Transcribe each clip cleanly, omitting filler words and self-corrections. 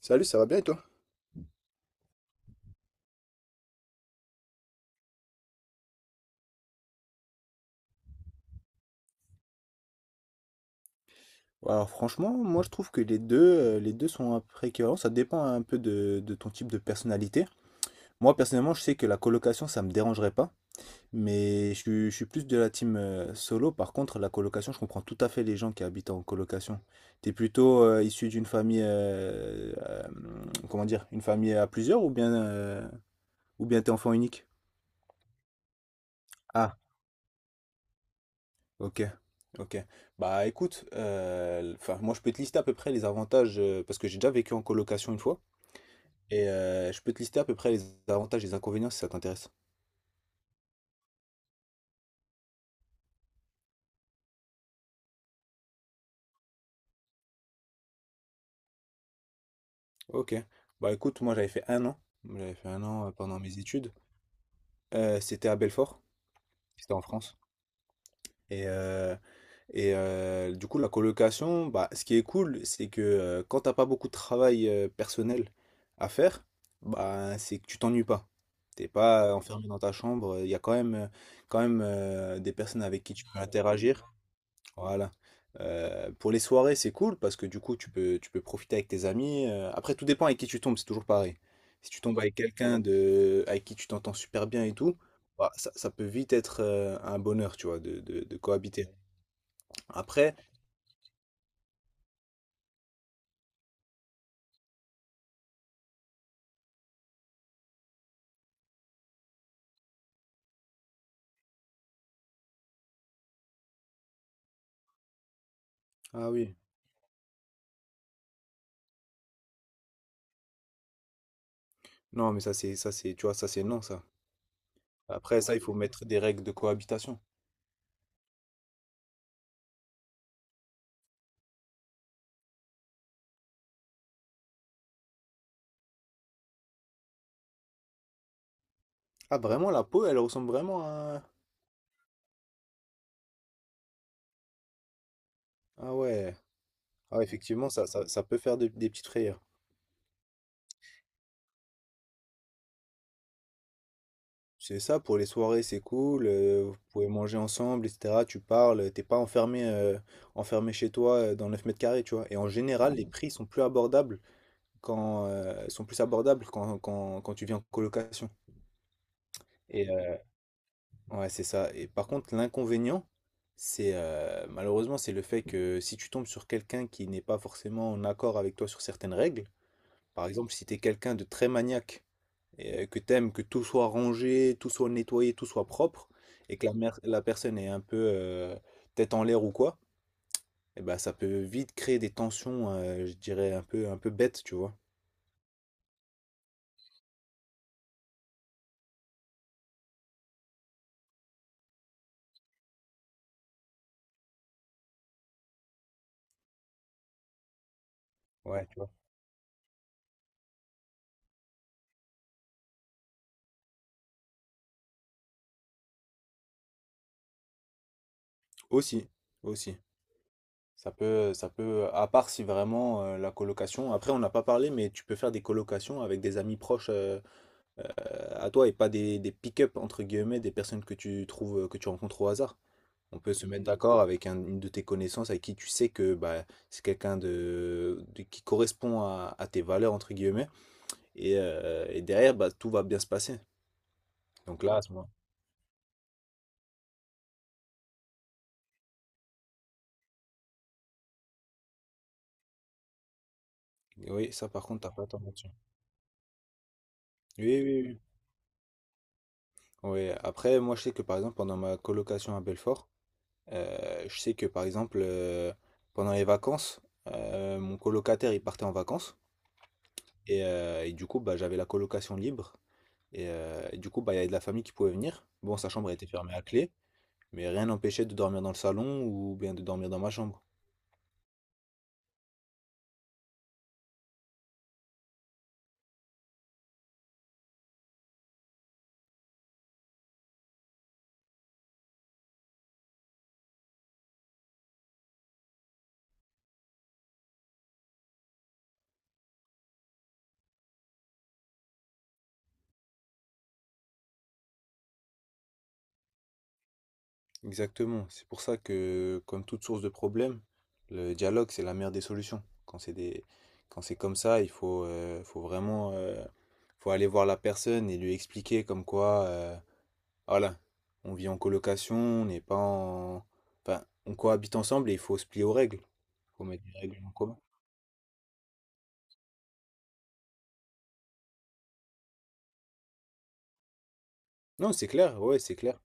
Salut, ça va bien et toi? Alors franchement, moi je trouve que les deux sont un peu près équivalents, ça dépend un peu de ton type de personnalité. Moi personnellement, je sais que la colocation, ça me dérangerait pas, mais je suis plus de la team solo. Par contre, la colocation, je comprends tout à fait les gens qui habitent en colocation. T'es plutôt issu d'une famille, comment dire, une famille à plusieurs ou bien t'es enfant unique? Ok, ok. Bah écoute, enfin, moi je peux te lister à peu près les avantages, parce que j'ai déjà vécu en colocation une fois, et je peux te lister à peu près les avantages et les inconvénients si ça t'intéresse. Ok. Bah écoute, moi j'avais fait un an, j'avais fait un an pendant mes études. C'était à Belfort, c'était en France. Et euh, du coup, la colocation, bah, ce qui est cool, c'est que quand t'as pas beaucoup de travail personnel à faire, bah, c'est que tu t'ennuies pas. T'es pas enfermé dans ta chambre. Il y a quand même, des personnes avec qui tu peux interagir. Voilà. Pour les soirées, c'est cool parce que du coup, tu peux profiter avec tes amis. Après, tout dépend avec qui tu tombes. C'est toujours pareil. Si tu tombes avec quelqu'un avec qui tu t'entends super bien et tout, bah, ça peut vite être un bonheur, tu vois, de cohabiter. Après, ah oui. Non, mais ça c'est tu vois ça c'est non ça. Après ça il faut mettre des règles de cohabitation. Ah vraiment la peau elle ressemble vraiment à ah ouais. Ah effectivement ça peut faire des petites frayeurs. C'est ça, pour les soirées c'est cool. Vous pouvez manger ensemble etc. Tu parles, t'es pas enfermé enfermé chez toi dans 9 m² tu vois. Et en général les prix sont plus abordables quand sont plus abordables quand, quand, quand tu viens en colocation. Et Ouais, c'est ça. Et par contre, l'inconvénient, c'est malheureusement, c'est le fait que si tu tombes sur quelqu'un qui n'est pas forcément en accord avec toi sur certaines règles, par exemple, si tu es quelqu'un de très maniaque et que t'aimes que tout soit rangé, tout soit nettoyé, tout soit propre, et que la personne est un peu tête en l'air ou quoi, eh ben, ça peut vite créer des tensions, je dirais, un peu bêtes, tu vois. Ouais, tu vois. Aussi, aussi. À part si vraiment la colocation, après on n'a pas parlé, mais tu peux faire des colocations avec des amis proches à toi et pas des pick-up entre guillemets, des personnes que tu trouves, que tu rencontres au hasard. On peut se mettre d'accord avec une de tes connaissances avec qui tu sais que bah, c'est quelqu'un qui correspond à tes valeurs entre guillemets et derrière bah, tout va bien se passer. Donc là, à ce moment. Oui, ça par contre, oui, oui, oui. Ouais, après, moi je sais que par exemple pendant ma colocation à Belfort, je sais que par exemple, pendant les vacances, mon colocataire il partait en vacances et du coup bah, j'avais la colocation libre et du coup bah, il y avait de la famille qui pouvait venir. Bon, sa chambre a été fermée à clé, mais rien n'empêchait de dormir dans le salon ou bien de dormir dans ma chambre. Exactement, c'est pour ça que comme toute source de problème, le dialogue c'est la meilleure des solutions. Quand c'est des. Quand c'est comme ça, il faut vraiment faut aller voir la personne et lui expliquer comme quoi. Voilà, on vit en colocation, on n'est pas en. Enfin, on cohabite ensemble et il faut se plier aux règles. Il Faut mettre des règles en commun. Non, c'est clair, ouais, c'est clair.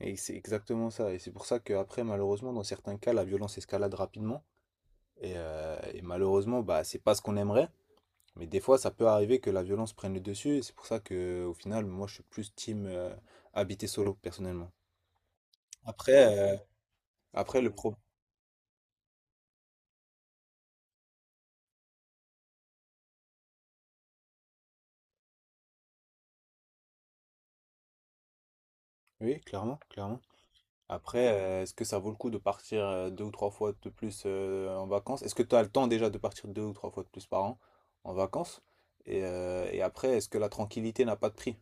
Et c'est exactement ça. Et c'est pour ça qu'après, malheureusement, dans certains cas, la violence escalade rapidement. Et malheureusement, bah, c'est pas ce qu'on aimerait. Mais des fois, ça peut arriver que la violence prenne le dessus. Et c'est pour ça que, au final, moi, je suis plus team habiter solo, personnellement. Après, euh, après le pro... Oui, clairement, clairement. Après, est-ce que ça vaut le coup de partir deux ou trois fois de plus en vacances? Est-ce que tu as le temps déjà de partir deux ou trois fois de plus par an en vacances? Et après, est-ce que la tranquillité n'a pas de prix?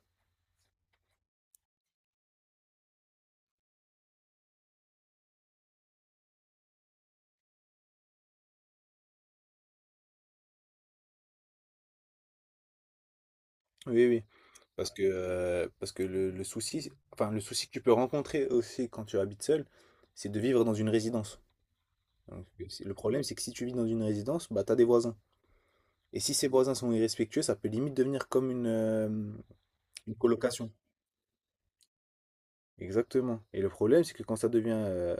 Oui, oui. Parce que, parce que le souci que tu peux rencontrer aussi quand tu habites seul, c'est de vivre dans une résidence. Donc, le problème, c'est que si tu vis dans une résidence, bah, tu as des voisins. Et si ces voisins sont irrespectueux, ça peut limite devenir comme une colocation. Exactement, et le problème, c'est que quand ça devient,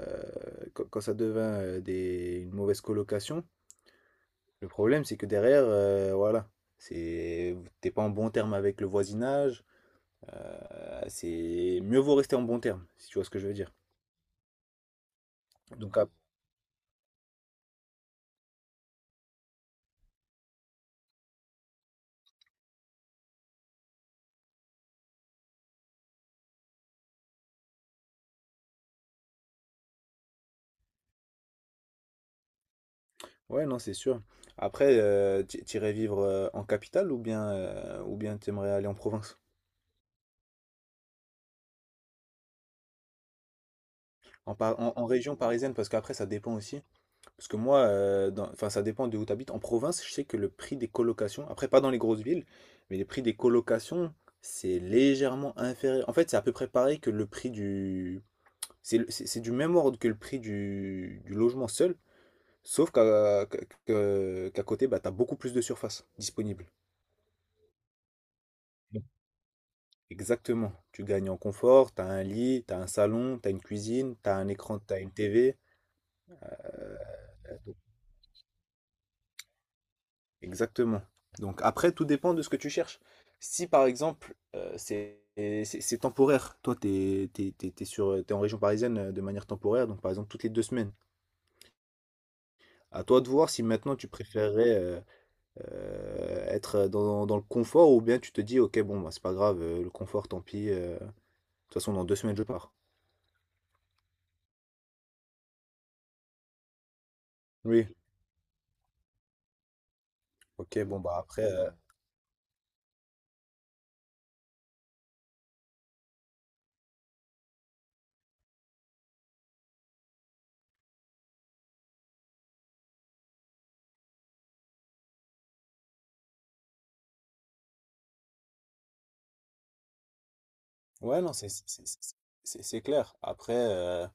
quand quand ça devient, des une mauvaise colocation, le problème, c'est que derrière, voilà, c'est t'es pas en bon terme avec le voisinage, heu, c'est mieux vaut rester en bon terme, si tu vois ce que je veux dire. Donc ap ouais, non, c'est sûr. Après, tu i vivre, en capitale ou bien tu aimerais aller en province? En pa en en région parisienne parce qu'après ça dépend aussi. Parce que moi, enfin, ça dépend de où tu habites. En province, je sais que le prix des colocations, après pas dans les grosses villes, mais les prix des colocations, c'est légèrement inférieur. En fait, c'est à peu près pareil que le prix du. C'est du même ordre que le prix du logement seul, sauf qu'à côté, bah, tu as beaucoup plus de surface disponible. Exactement. Tu gagnes en confort, tu as un lit, tu as un salon, tu as une cuisine, tu as un écran, tu as une TV. Exactement. Donc après, tout dépend de ce que tu cherches. Si par exemple, c'est temporaire, toi, t'es en région parisienne de manière temporaire, donc par exemple toutes les 2 semaines. À toi de voir si maintenant tu préférerais être dans le confort ou bien tu te dis, ok, bon, bah, c'est pas grave, le confort, tant pis. De toute façon, dans 2 semaines, je pars. Oui. Ok, bon, bah après. Ouais, non, c'est clair. Après,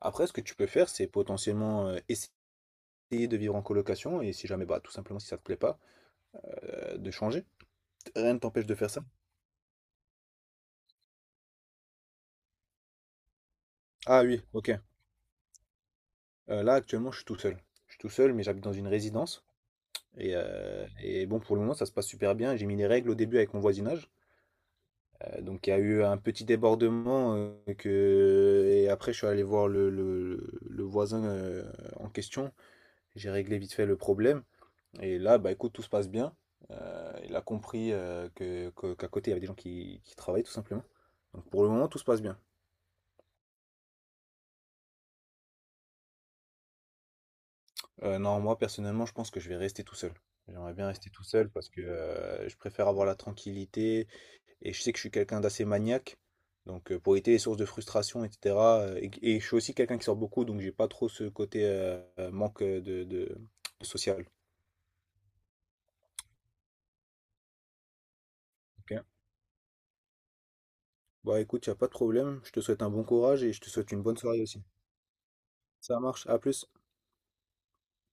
après, ce que tu peux faire, c'est potentiellement essayer. Essayer de vivre en colocation et si jamais, bah, tout simplement, si ça te plaît pas, de changer. Rien ne t'empêche de faire ça. Ah oui, OK. Là, actuellement, je suis tout seul. Je suis tout seul, mais j'habite dans une résidence et bon, pour le moment, ça se passe super bien. J'ai mis les règles au début avec mon voisinage, donc il y a eu un petit débordement, que et après je suis allé voir le voisin, en question. J'ai réglé vite fait le problème et là, bah, écoute, tout se passe bien. Heu, il a compris, que qu'à côté, il y avait des gens qui travaillent tout simplement. Donc pour le moment, tout se passe bien. Non, moi personnellement, je pense que je vais rester tout seul. J'aimerais bien rester tout seul parce que, je préfère avoir la tranquillité et je sais que je suis quelqu'un d'assez maniaque. Donc, pour éviter les sources de frustration et cetera, et je suis aussi quelqu'un qui sort beaucoup, donc j'ai pas trop ce côté, manque, de social. OK. Bah, écoute, y a pas de problème. Je te souhaite un bon courage et je te souhaite une bonne soirée aussi. Ça marche, à plus.